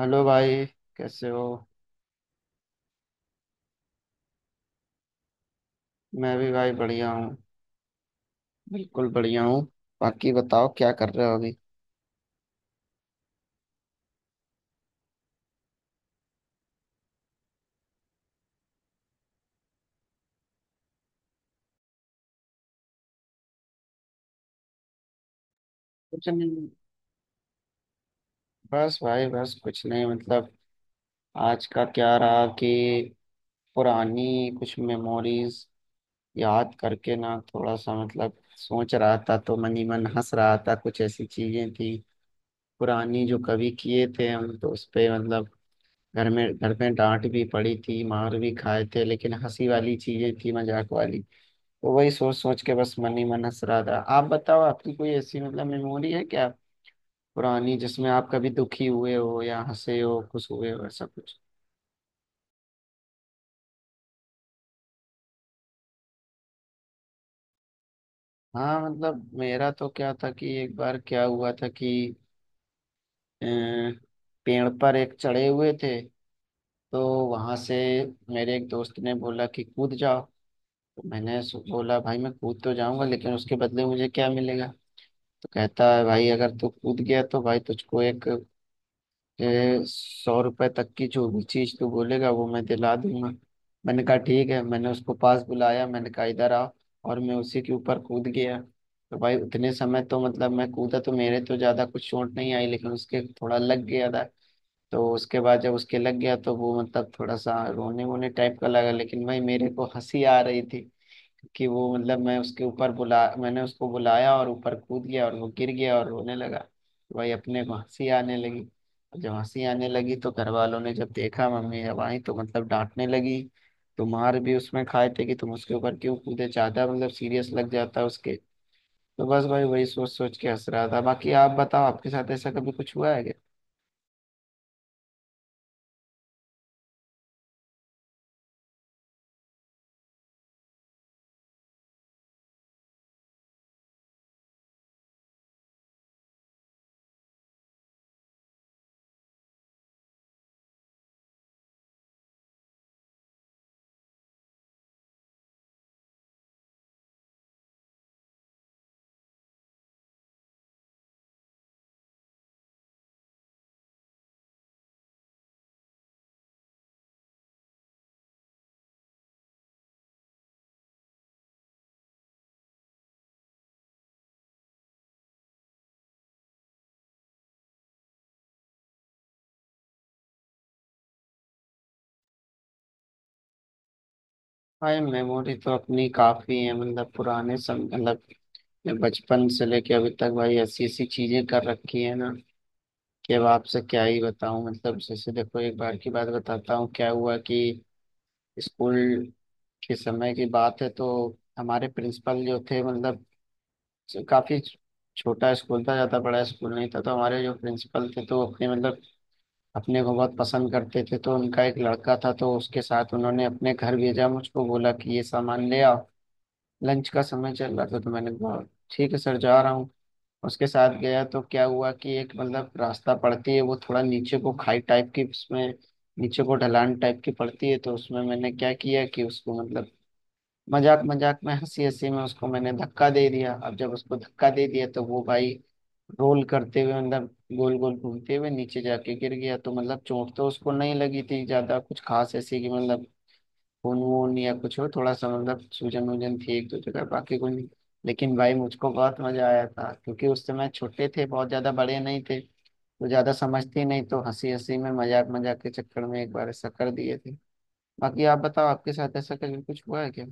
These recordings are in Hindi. हेलो भाई, कैसे हो। मैं भी भाई बढ़िया हूँ। बिल्कुल बढ़िया हूँ। बाकी बताओ क्या कर रहे हो अभी। कुछ नहीं, बस भाई बस कुछ नहीं। मतलब आज का क्या रहा कि पुरानी कुछ मेमोरीज याद करके ना थोड़ा सा, मतलब सोच रहा था तो मन ही मन हंस रहा था। कुछ ऐसी चीजें थी पुरानी जो कभी किए थे हम, तो उस पे मतलब घर में डांट भी पड़ी थी, मार भी खाए थे, लेकिन हंसी वाली चीजें थी, मजाक वाली। तो वही सोच सोच के बस मन ही मन हंस रहा था। आप बताओ, आपकी कोई ऐसी मतलब मेमोरी है क्या पुरानी जिसमें आप कभी दुखी हुए हो या हंसे हो, खुश हुए हो, ऐसा कुछ। हाँ, मतलब मेरा तो क्या था कि एक बार क्या हुआ था कि अ, पेड़ पर एक चढ़े हुए थे। तो वहां से मेरे एक दोस्त ने बोला कि कूद जाओ। तो मैंने बोला भाई मैं कूद तो जाऊंगा, लेकिन उसके बदले मुझे क्या मिलेगा। तो कहता है भाई अगर तू कूद गया तो भाई तुझको एक 100 रुपए तक की जो भी चीज तू बोलेगा वो मैं दिला दूंगा। मैंने कहा ठीक है, मैंने उसको पास बुलाया, मैंने कहा इधर आ, और मैं उसी के ऊपर कूद गया। तो भाई उतने समय तो मतलब मैं कूदा तो मेरे तो ज्यादा कुछ चोट नहीं आई, लेकिन उसके थोड़ा लग गया था। तो उसके बाद जब उसके लग गया तो वो मतलब थोड़ा सा रोने वोने टाइप का लगा, लेकिन भाई मेरे को हंसी आ रही थी कि वो मतलब मैं उसके ऊपर बुला, मैंने उसको बुलाया और ऊपर कूद गया और वो गिर गया और रोने लगा। भाई अपने को हंसी आने लगी। जब हंसी आने लगी तो घर वालों ने जब देखा, मम्मी जब आई तो मतलब डांटने लगी। तो मार भी उसमें खाए थे कि तुम उसके ऊपर क्यों कूदे, ज्यादा मतलब सीरियस लग जाता उसके। तो बस भाई वही सोच सोच के हंस रहा था। बाकी आप बताओ आपके साथ ऐसा कभी कुछ हुआ है क्या। भाई मेमोरी तो अपनी काफी है, मतलब पुराने सम, मतलब बचपन से लेके अभी तक भाई ऐसी ऐसी चीजें कर रखी है ना कि अब आपसे क्या ही बताऊं। मतलब जैसे देखो एक बार की बात बताता हूँ, क्या हुआ कि स्कूल के समय की बात है तो हमारे प्रिंसिपल जो थे मतलब, काफी छोटा स्कूल था, ज्यादा बड़ा स्कूल नहीं था, तो हमारे जो प्रिंसिपल थे तो अपने मतलब अपने को बहुत पसंद करते थे। तो उनका एक लड़का था तो उसके साथ उन्होंने अपने घर भेजा, मुझको बोला कि ये सामान ले आओ। लंच का समय चल रहा था, तो मैंने कहा ठीक है सर, जा रहा हूँ। उसके साथ गया तो क्या हुआ कि एक मतलब रास्ता पड़ती है वो थोड़ा नीचे को, खाई टाइप की, उसमें नीचे को ढलान टाइप की पड़ती है। तो उसमें मैंने क्या किया कि उसको मतलब मजाक मजाक में, हंसी हंसी में उसको मैंने धक्का दे दिया। अब जब उसको धक्का दे दिया तो वो भाई रोल करते हुए, मतलब गोल गोल घूमते हुए नीचे जाके गिर गया। तो मतलब चोट तो उसको नहीं लगी थी ज्यादा कुछ खास ऐसी कि मतलब खून वून या कुछ हो, थोड़ा सा मतलब सूजन वूजन थी एक दो जगह, बाकी कुछ नहीं। लेकिन भाई मुझको बहुत मजा आया था क्योंकि उस समय छोटे थे, बहुत ज्यादा बड़े नहीं थे तो ज्यादा समझते ही नहीं, तो हंसी हंसी में मजाक मजाक के चक्कर में एक बार ऐसा कर दिए थे। बाकी आप बताओ आपके साथ ऐसा कभी कुछ हुआ है क्या।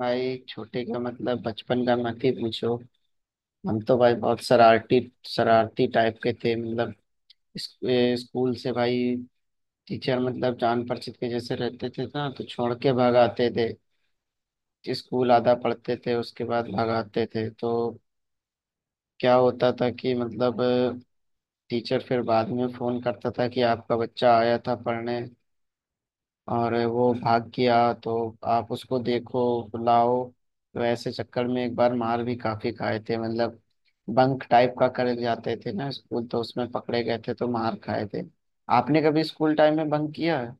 भाई छोटे का मतलब बचपन का मत ही पूछो। हम तो भाई बहुत शरारती, शरारती टाइप के थे। मतलब स्कूल से भाई टीचर मतलब जान परिचित के जैसे रहते थे ना, तो छोड़ के भाग आते थे। स्कूल आधा पढ़ते थे उसके बाद भगाते थे। तो क्या होता था कि मतलब टीचर फिर बाद में फोन करता था कि आपका बच्चा आया था पढ़ने और वो भाग गया, तो आप उसको देखो, बुलाओ। तो ऐसे चक्कर में एक बार मार भी काफी खाए थे। मतलब बंक टाइप का कर जाते थे ना स्कूल, तो उसमें पकड़े गए थे तो मार खाए थे। आपने कभी स्कूल टाइम में बंक किया है।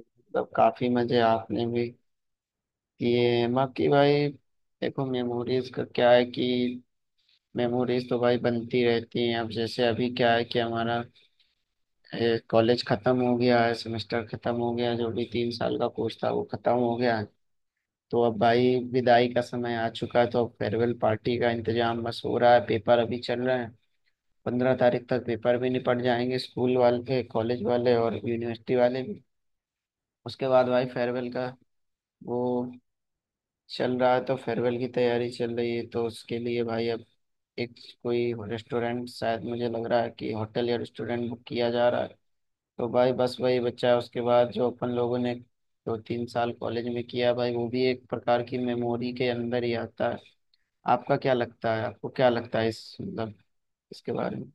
मतलब काफी मजे आपने भी किए हैं। बाकी भाई देखो, मेमोरीज का क्या है कि मेमोरीज तो भाई बनती रहती हैं। अब जैसे अभी क्या है कि हमारा कॉलेज खत्म हो गया है, सेमेस्टर खत्म हो गया, जो भी 3 साल का कोर्स था वो खत्म हो गया है। तो अब भाई विदाई का समय आ चुका है, तो अब फेयरवेल पार्टी का इंतजाम बस हो रहा है। पेपर अभी चल रहे हैं, 15 तारीख तक पेपर भी निपट जाएंगे, स्कूल वाले, कॉलेज वाले और यूनिवर्सिटी वाले भी। उसके बाद भाई फेयरवेल का वो चल रहा है, तो फेयरवेल की तैयारी चल रही है। तो उसके लिए भाई अब एक कोई रेस्टोरेंट, शायद मुझे लग रहा है कि होटल या रेस्टोरेंट बुक किया जा रहा है। तो भाई बस वही बच्चा, उसके बाद जो अपन लोगों ने 2 3 साल कॉलेज में किया भाई, वो भी एक प्रकार की मेमोरी के अंदर ही आता है। आपका क्या लगता है, आपको क्या लगता है इस मतलब इसके बारे में।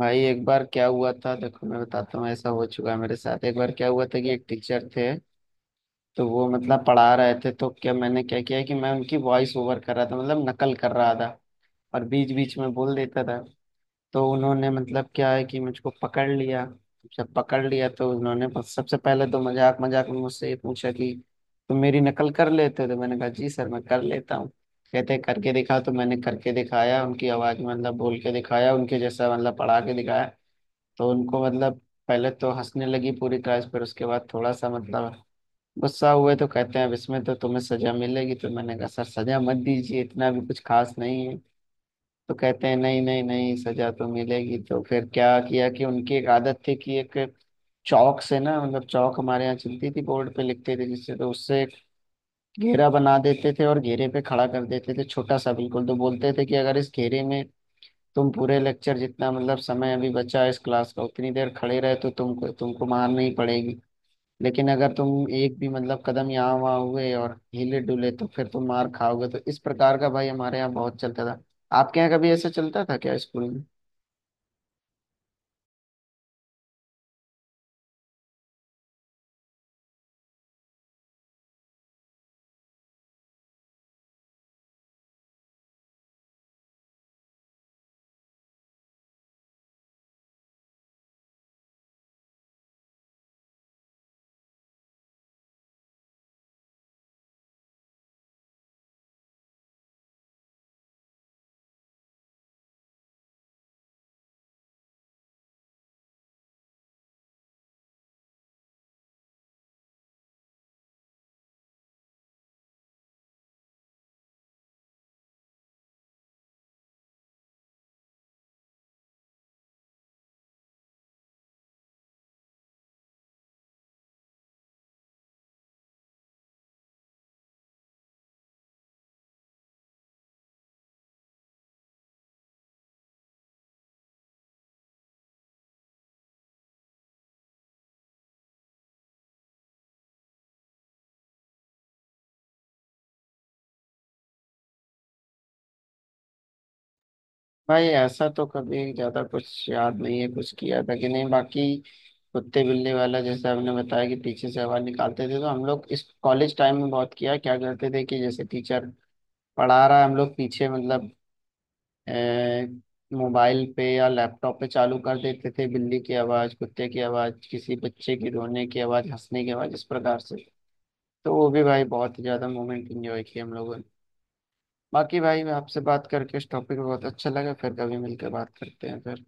भाई एक बार क्या हुआ था, देखो मैं बताता हूँ, ऐसा हो चुका है मेरे साथ। एक बार क्या हुआ था कि एक टीचर थे, तो वो मतलब पढ़ा रहे थे। तो क्या मैंने क्या किया कि मैं उनकी वॉइस ओवर कर रहा था, मतलब नकल कर रहा था, और बीच बीच में बोल देता था। तो उन्होंने मतलब क्या है कि मुझको पकड़ लिया। जब पकड़ लिया तो उन्होंने सबसे पहले तो मजाक मजाक में मुझसे ये पूछा कि तुम मेरी नकल कर लेते हो। तो मैंने कहा जी सर मैं कर लेता हूँ। कहते करके दिखा, तो मैंने करके दिखाया उनकी आवाज में, मतलब बोल के दिखाया उनके जैसा, मतलब पढ़ा के दिखाया। तो उनको मतलब पहले तो हंसने लगी पूरी क्लास, पर उसके बाद थोड़ा सा मतलब गुस्सा हुए। तो कहते हैं अब इसमें तो तुम्हें सजा मिलेगी। तो मैंने कहा सर सजा मत दीजिए, इतना भी कुछ खास नहीं है। तो कहते हैं नहीं नहीं नहीं, सजा तो मिलेगी। तो फिर क्या किया कि उनकी एक आदत थी कि एक चौक से ना, मतलब चौक हमारे यहाँ चलती थी, बोर्ड पे लिखते थे जिससे, तो उससे एक घेरा बना देते थे और घेरे पे खड़ा कर देते थे छोटा सा बिल्कुल। तो बोलते थे कि अगर इस घेरे में तुम पूरे लेक्चर जितना मतलब समय अभी बचा है इस क्लास का उतनी देर खड़े रहे तो तुमको तुमको मार नहीं पड़ेगी, लेकिन अगर तुम एक भी मतलब कदम यहाँ वहाँ हुए और हिले डुले तो फिर तुम मार खाओगे। तो इस प्रकार का भाई हमारे यहाँ बहुत चलता था। आपके यहाँ कभी ऐसा चलता था क्या स्कूल में। भाई ऐसा तो कभी ज्यादा कुछ याद नहीं है, कुछ किया था कि नहीं। बाकी कुत्ते बिल्ली वाला जैसे आपने बताया कि पीछे से आवाज निकालते थे, तो हम लोग इस कॉलेज टाइम में बहुत किया। क्या करते थे कि जैसे टीचर पढ़ा रहा है, हम लोग पीछे मतलब मोबाइल पे या लैपटॉप पे चालू कर देते थे बिल्ली की आवाज, कुत्ते की आवाज, किसी बच्चे की रोने की आवाज, हंसने की आवाज, इस प्रकार से। तो वो भी भाई बहुत ही ज्यादा मोमेंट इंजॉय किए हम लोगों ने। बाकी भाई आपसे बात करके इस टॉपिक पे बहुत अच्छा लगा, फिर कभी मिलकर बात करते हैं फिर।